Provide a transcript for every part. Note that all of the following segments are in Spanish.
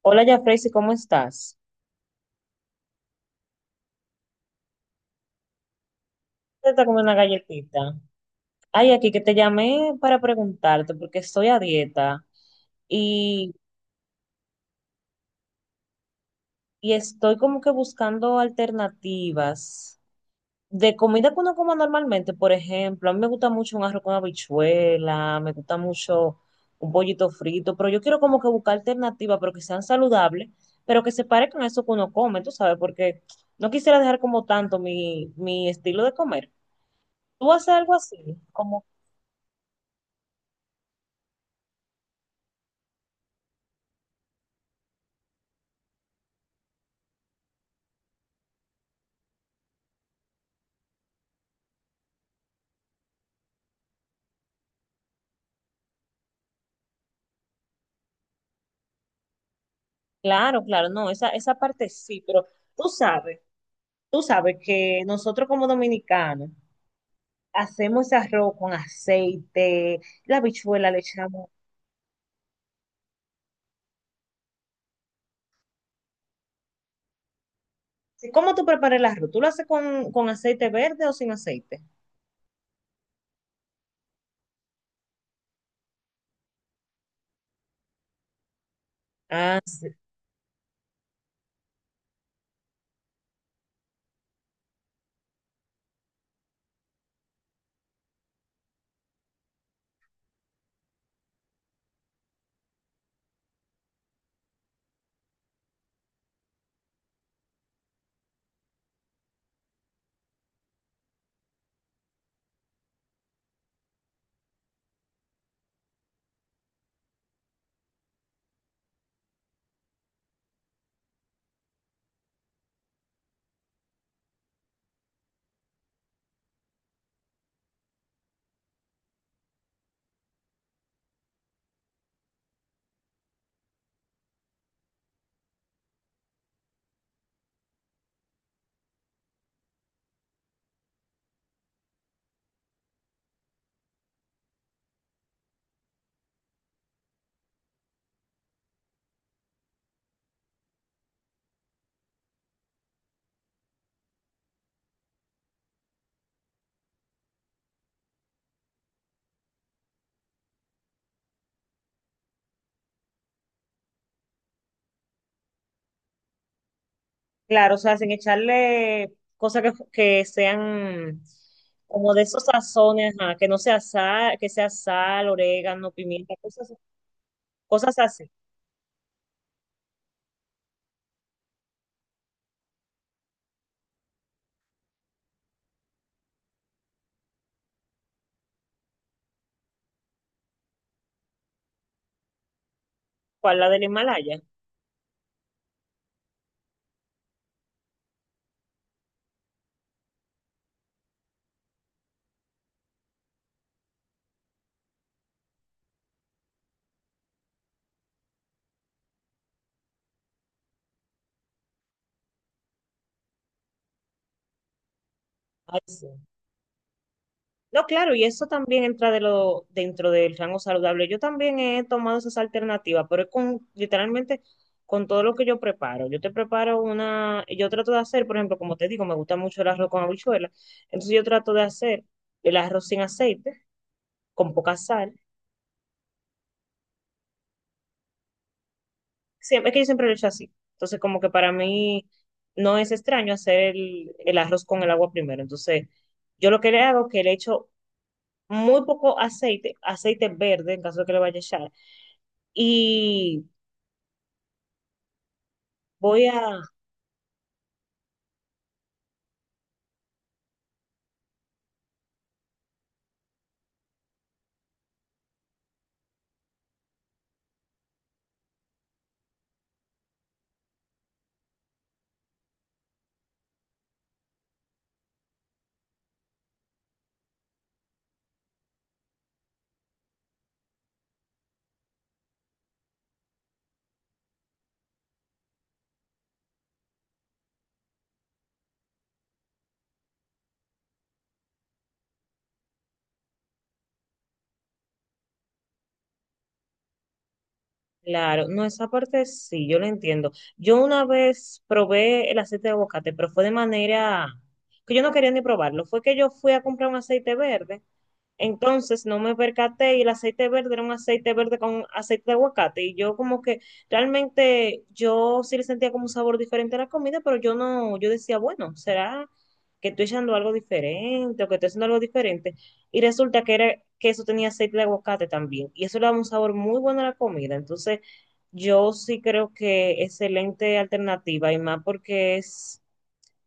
Hola, Jafrey, ¿cómo estás? Te está comiendo una galletita. Ay, aquí que te llamé para preguntarte porque estoy a dieta y, y estoy como que buscando alternativas de comida que uno coma normalmente. Por ejemplo, a mí me gusta mucho un arroz con habichuela, me gusta mucho un pollito frito, pero yo quiero como que buscar alternativas, pero que sean saludables, pero que se parezcan a eso que uno come, tú sabes, porque no quisiera dejar como tanto mi estilo de comer. ¿Tú haces algo así? Como Claro, claro, no, esa parte sí, pero tú sabes, tú sabes que nosotros como dominicanos hacemos ese arroz con aceite, la habichuela le echamos. Sí, ¿cómo tú preparas el arroz? ¿Tú lo haces con, aceite verde o sin aceite? Ah, sí, claro, o sea, sin echarle cosas que sean como de esos sazones, ajá, que no sea sal, que sea sal, orégano, pimienta, cosas, cosas así. ¿Cuál, la del Himalaya? Ay, sí. No, claro, y eso también entra de lo, dentro del rango saludable. Yo también he tomado esas alternativas, pero es con, literalmente con todo lo que yo preparo. Yo te preparo una, yo trato de hacer, por ejemplo, como te digo, me gusta mucho el arroz con habichuela. Entonces yo trato de hacer el arroz sin aceite, con poca sal. Siempre, es que yo siempre lo he hecho así. Entonces como que para mí no es extraño hacer el arroz con el agua primero. Entonces yo lo que le hago es que le echo muy poco aceite, aceite verde en caso de que le vaya a echar. Y voy a, claro, no, esa parte sí, yo lo entiendo. Yo una vez probé el aceite de aguacate, pero fue de manera que yo no quería ni probarlo. Fue que yo fui a comprar un aceite verde. Entonces no me percaté y el aceite verde era un aceite verde con aceite de aguacate y yo como que realmente yo sí le sentía como un sabor diferente a la comida, pero yo no, yo decía, bueno, ¿será que estoy echando algo diferente o que estoy haciendo algo diferente? Y resulta que era que eso tenía aceite de aguacate también y eso le daba un sabor muy bueno a la comida. Entonces yo sí creo que excelente alternativa y más porque es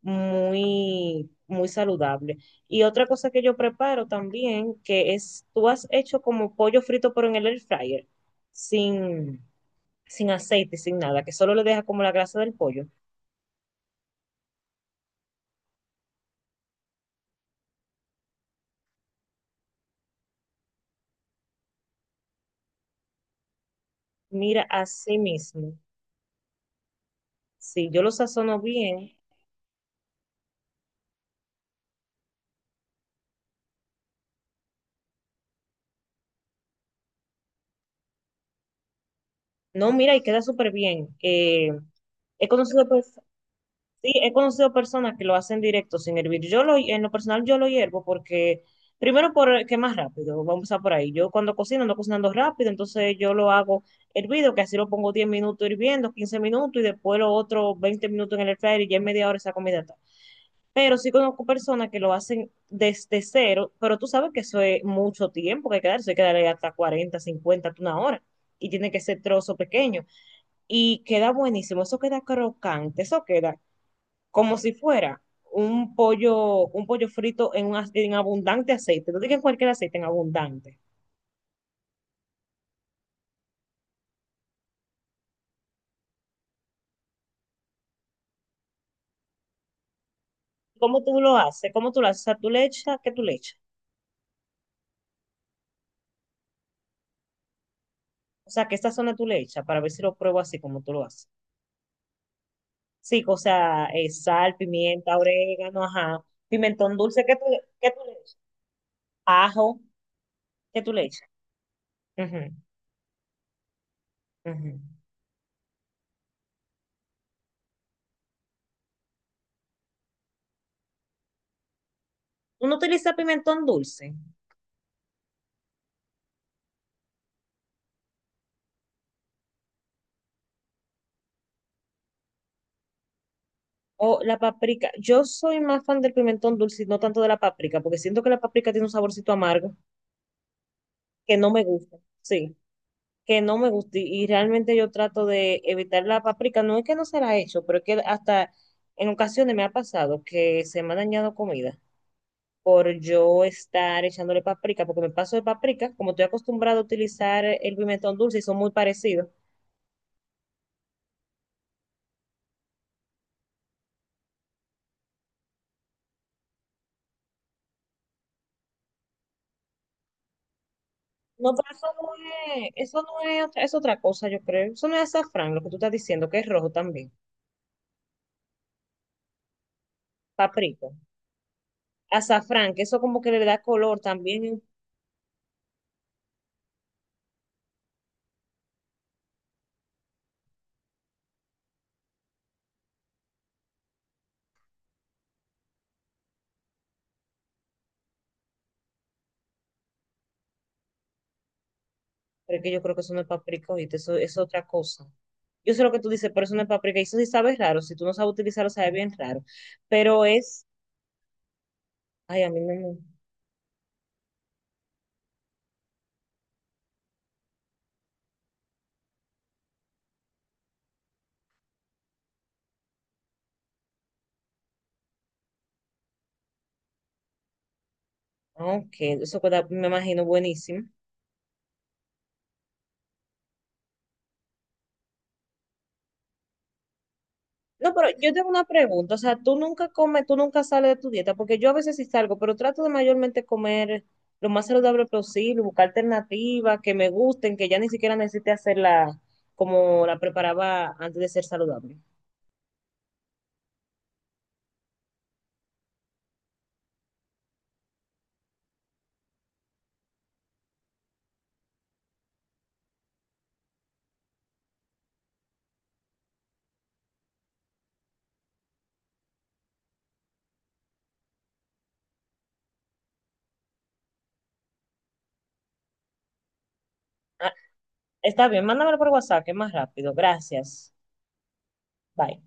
muy, muy saludable. Y otra cosa que yo preparo también, que es, tú has hecho como pollo frito, pero en el air fryer, sin, sin aceite, sin nada, que solo le deja como la grasa del pollo. Mira, así mismo, si yo lo sazono bien, no, mira, y queda súper bien. He conocido, pues sí, he conocido personas que lo hacen directo sin hervir. Yo lo, en lo personal yo lo hiervo porque, primero porque es más rápido, vamos a empezar por ahí. Yo cuando cocino ando cocinando rápido, entonces yo lo hago hervido, que así lo pongo 10 minutos hirviendo, 15 minutos y después lo otro 20 minutos en el air fryer y ya en media hora esa comida está. Pero sí conozco personas que lo hacen desde cero, pero tú sabes que eso es mucho tiempo que hay que darse, hay que darle hasta 40, 50, hasta una hora. Y tiene que ser trozo pequeño. Y queda buenísimo, eso queda crocante, eso queda como si fuera un pollo frito en abundante aceite. No digas cualquier aceite, en abundante. ¿Cómo tú lo haces? O sea, tú le echas, ¿qué tú le echas? O sea, ¿qué sazón tú le echas? Para ver si lo pruebo así como tú lo haces. Sí, o sea, sal, pimienta, orégano, ajá. Pimentón dulce, qué tú le echas? Ajo, ¿qué tú le echas? Ujú, ujú. ¿Uno utiliza pimentón dulce? O la paprika. Yo soy más fan del pimentón dulce y no tanto de la paprika, porque siento que la paprika tiene un saborcito amargo que no me gusta, sí, que no me gusta. Y realmente yo trato de evitar la paprika. No es que no se la he hecho, pero es que hasta en ocasiones me ha pasado que se me ha dañado comida por yo estar echándole paprika, porque me paso de paprika, como estoy acostumbrado a utilizar el pimentón dulce y son muy parecidos. No, pero eso no es, otra- es otra cosa, yo creo. Eso no es azafrán, lo que tú estás diciendo, que es rojo también. Paprika. Azafrán, que eso como que le da color también. Pero es que yo creo que eso no es paprika, ¿oíste? Eso es otra cosa. Yo sé lo que tú dices, pero eso no es paprika. Y eso sí sabe raro. Si tú no sabes utilizarlo, sabe bien raro. Pero es. Ay, a mí no me. Ok, eso queda, me imagino, buenísimo. No, pero yo tengo una pregunta. O sea, tú nunca comes, tú nunca sales de tu dieta, porque yo a veces sí salgo, pero trato de mayormente comer lo más saludable posible, buscar alternativas que me gusten, que ya ni siquiera necesite hacerla como la preparaba antes de ser saludable. Ah, está bien, mándamelo por WhatsApp, que es más rápido. Gracias. Bye.